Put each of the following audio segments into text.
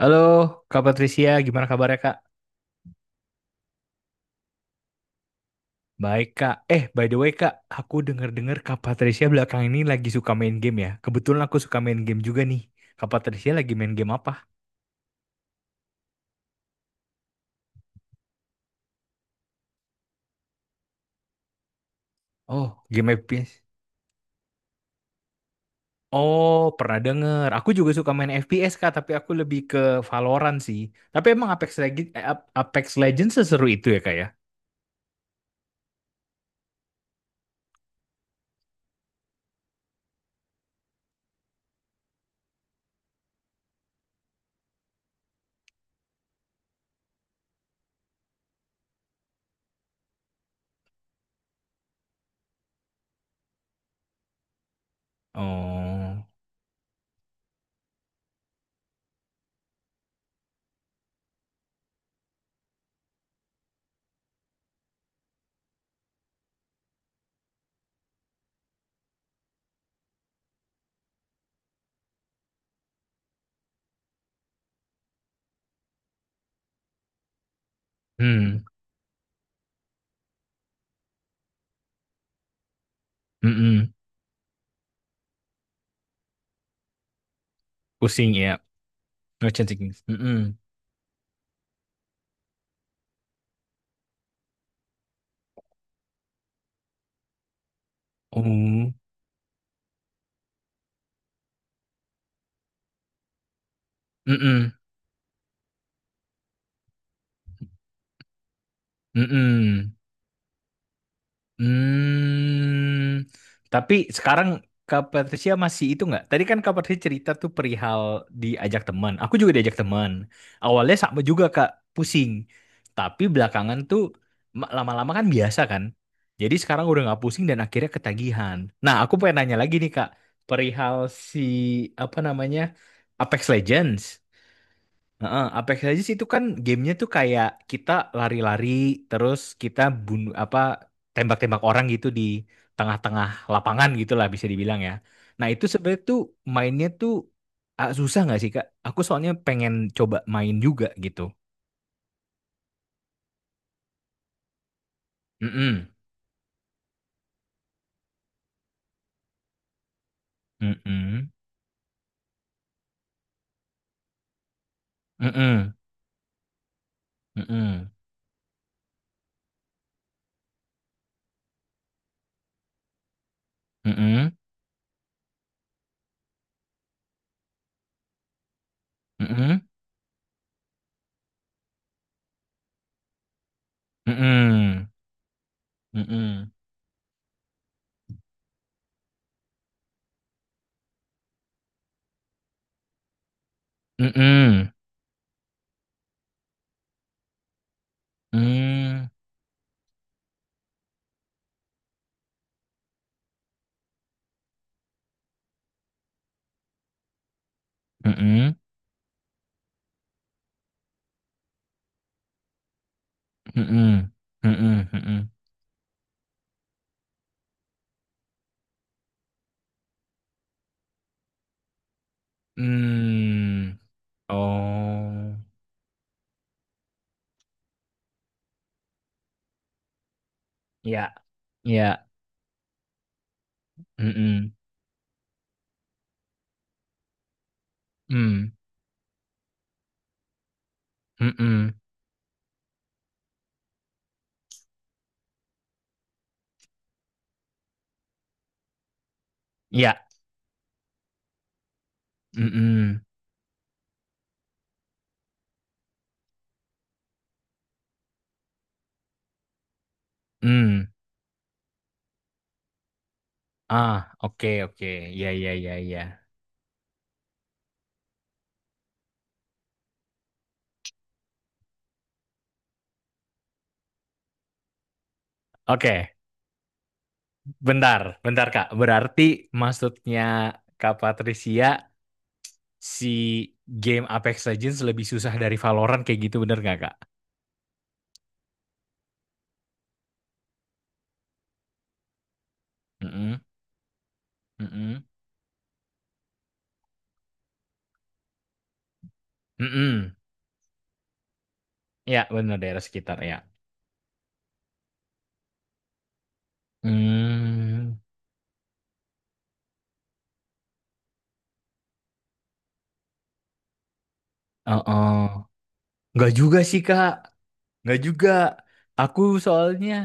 Halo, Kak Patricia, gimana kabarnya Kak? Baik Kak. By the way Kak, aku denger-dengar Kak Patricia belakang ini lagi suka main game ya. Kebetulan aku suka main game juga nih. Kak Patricia lagi main game apa? Oh, game FPS. Oh, pernah denger. Aku juga suka main FPS Kak, tapi aku lebih ke Valorant sih. Tapi emang Apex Legends, Apex Legends seseru itu ya Kak ya? Oh, hmm, mm-mm. Pusing ya. No chanting. Mm-mm. Oh, mm-mm. Mm-mm. Hmm, tapi sekarang Kak Patricia masih itu nggak? Tadi kan Kak Patricia cerita tuh perihal diajak teman. Aku juga diajak teman. Awalnya sama juga Kak, pusing. Tapi belakangan tuh lama-lama kan biasa kan. Jadi sekarang udah nggak pusing dan akhirnya ketagihan. Nah, aku pengen nanya lagi nih Kak, perihal si apa namanya Apex Legends. Heeh, Apex Legends itu kan gamenya tuh kayak kita lari-lari terus kita bunuh apa tembak-tembak orang gitu di tengah-tengah lapangan gitu lah bisa dibilang ya. Nah itu sebenarnya tuh mainnya tuh ah, susah nggak sih Kak? Aku soalnya pengen coba main juga gitu. Mm-mm. Mm-mm. Mm-mm. Mm-mm. Mm-mm. Mm-mm. Mm-mm. Mm-mm. Mm-mm. Mm. Mm-mm. Mm-mm. Mm-mm. Mm-mm. Mm. Oh, ya, ya, mm-mm, mm, mm-mm, ya, mm-mm, mm. Ah, oke, oke, ya, ya, ya, ya. Oke, bentar, bentar, Kak. Berarti maksudnya Kak Patricia, si game Apex Legends lebih susah dari Valorant kayak gitu, bener nggak, Kak? Mm-mm, mm-mm, mm-mm. Ya, bener, daerah sekitar, ya. Hmm, oh, oh. Nggak juga sih, Kak. Nggak juga. Aku soalnya...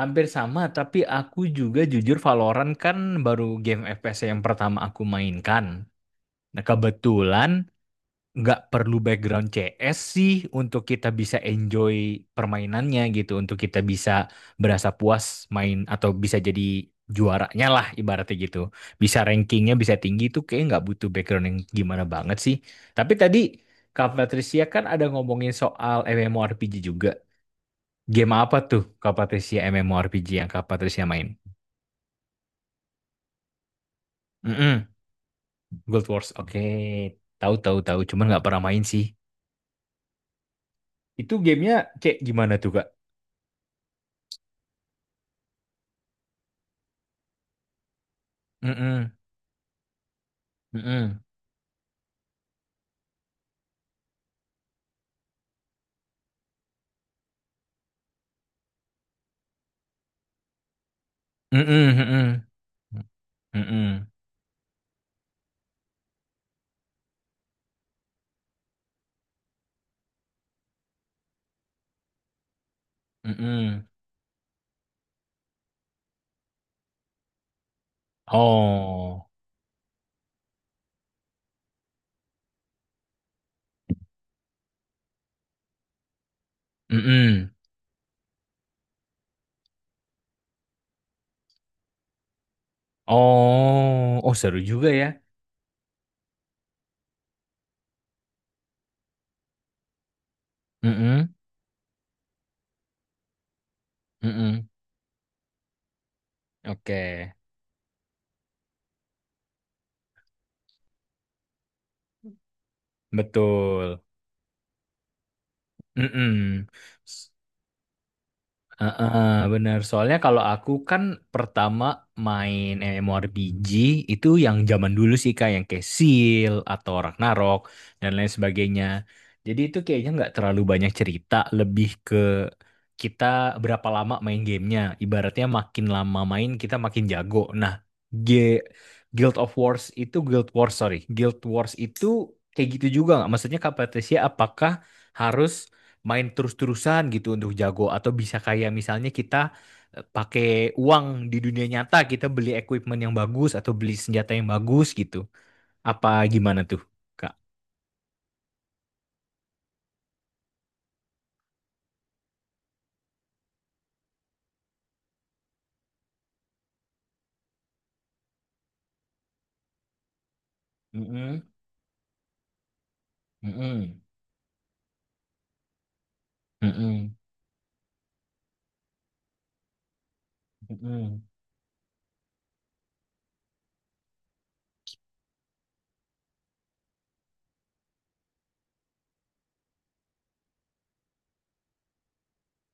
Hampir sama, tapi aku juga jujur Valorant kan baru game FPS yang pertama aku mainkan. Nah, kebetulan nggak perlu background CS sih untuk kita bisa enjoy permainannya gitu, untuk kita bisa berasa puas main atau bisa jadi juaranya lah ibaratnya gitu. Bisa rankingnya bisa tinggi itu kayak nggak butuh background yang gimana banget sih. Tapi tadi Kak Patricia kan ada ngomongin soal MMORPG juga. Game apa tuh Kak Patricia MMORPG yang Kak Patricia main? Mm-mm. Guild Wars. Oke. Tahu tahu tahu, cuman nggak pernah main sih. Itu gamenya kayak gimana tuh, Kak? Mm-mm. Mm-mm. Mm-mm. Mm-mm. Mm-mm. Mm-mm. Oh. Mm-mm. Oh. Oh, seru juga ya. Mm-mm. Mm-mm. Oke. Betul. Mm-mm. Heeh, bener. Soalnya kalau aku kan pertama main MMORPG itu yang zaman dulu sih kayak yang kayak Seal atau Ragnarok dan lain sebagainya. Jadi itu kayaknya nggak terlalu banyak cerita, lebih ke kita berapa lama main gamenya. Ibaratnya makin lama main kita makin jago. Nah, G- Guild of Wars itu Guild Wars sorry, Guild Wars itu kayak gitu juga nggak? Maksudnya Kak Patricia apakah harus main terus-terusan gitu untuk jago atau bisa kayak misalnya kita pakai uang di dunia nyata kita beli equipment yang bagus atau beli senjata yang bagus gitu. Apa gimana tuh, Kak? Mm-mm. Mm-mm. Mm-mm. Mm-mm.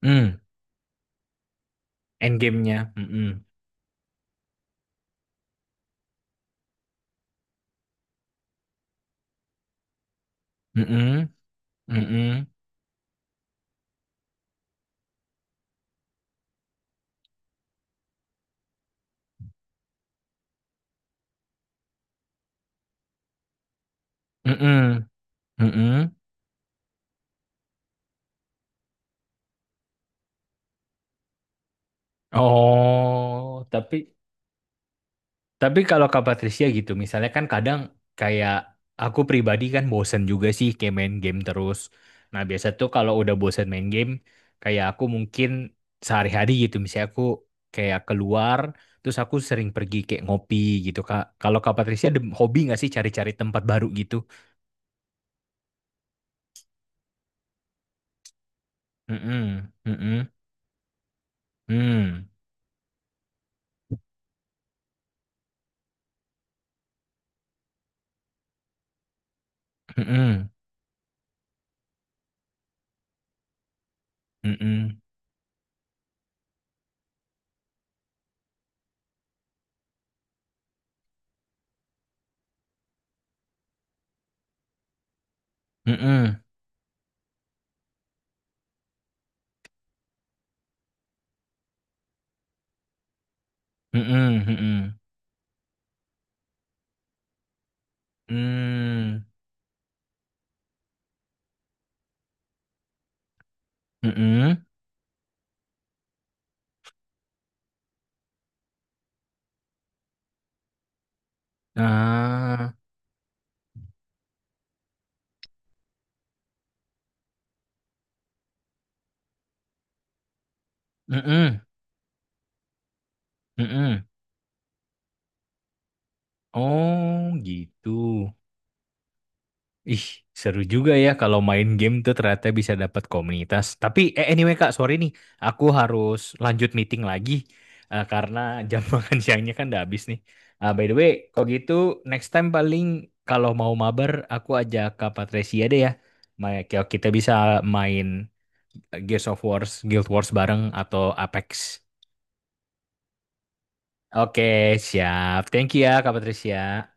Mm. Endgame-nya. Mm-mm. Mm-mm, mm-mm, mm-mm, mm-mm. Oh, tapi kalau Kak Patricia gitu, misalnya kan kadang kayak aku pribadi kan bosen juga sih kayak main game terus. Nah, biasa tuh kalau udah bosen main game, kayak aku mungkin sehari-hari gitu, misalnya aku kayak keluar, terus aku sering pergi kayak ngopi gitu, Kak. Kalau Kak Patricia ada hobi nggak sih cari-cari tempat baru gitu? Mm-mm, mm-mm, mm, mm-mm, mm-mm, mm-mm. Mhm mhm. Mmm, mhm. Ah, mhm mhm. Oh, gitu. Ih, seru juga ya kalau main game tuh ternyata bisa dapat komunitas. Tapi anyway Kak, sorry nih, aku harus lanjut meeting lagi karena jam makan siangnya kan udah habis nih. Ah, by the way, kalau gitu next time paling kalau mau mabar aku ajak Kak Patricia deh ya. Kayak Kita bisa main Gears of Wars, Guild Wars bareng atau Apex. Oke, siap. Thank you ya Kak Patricia.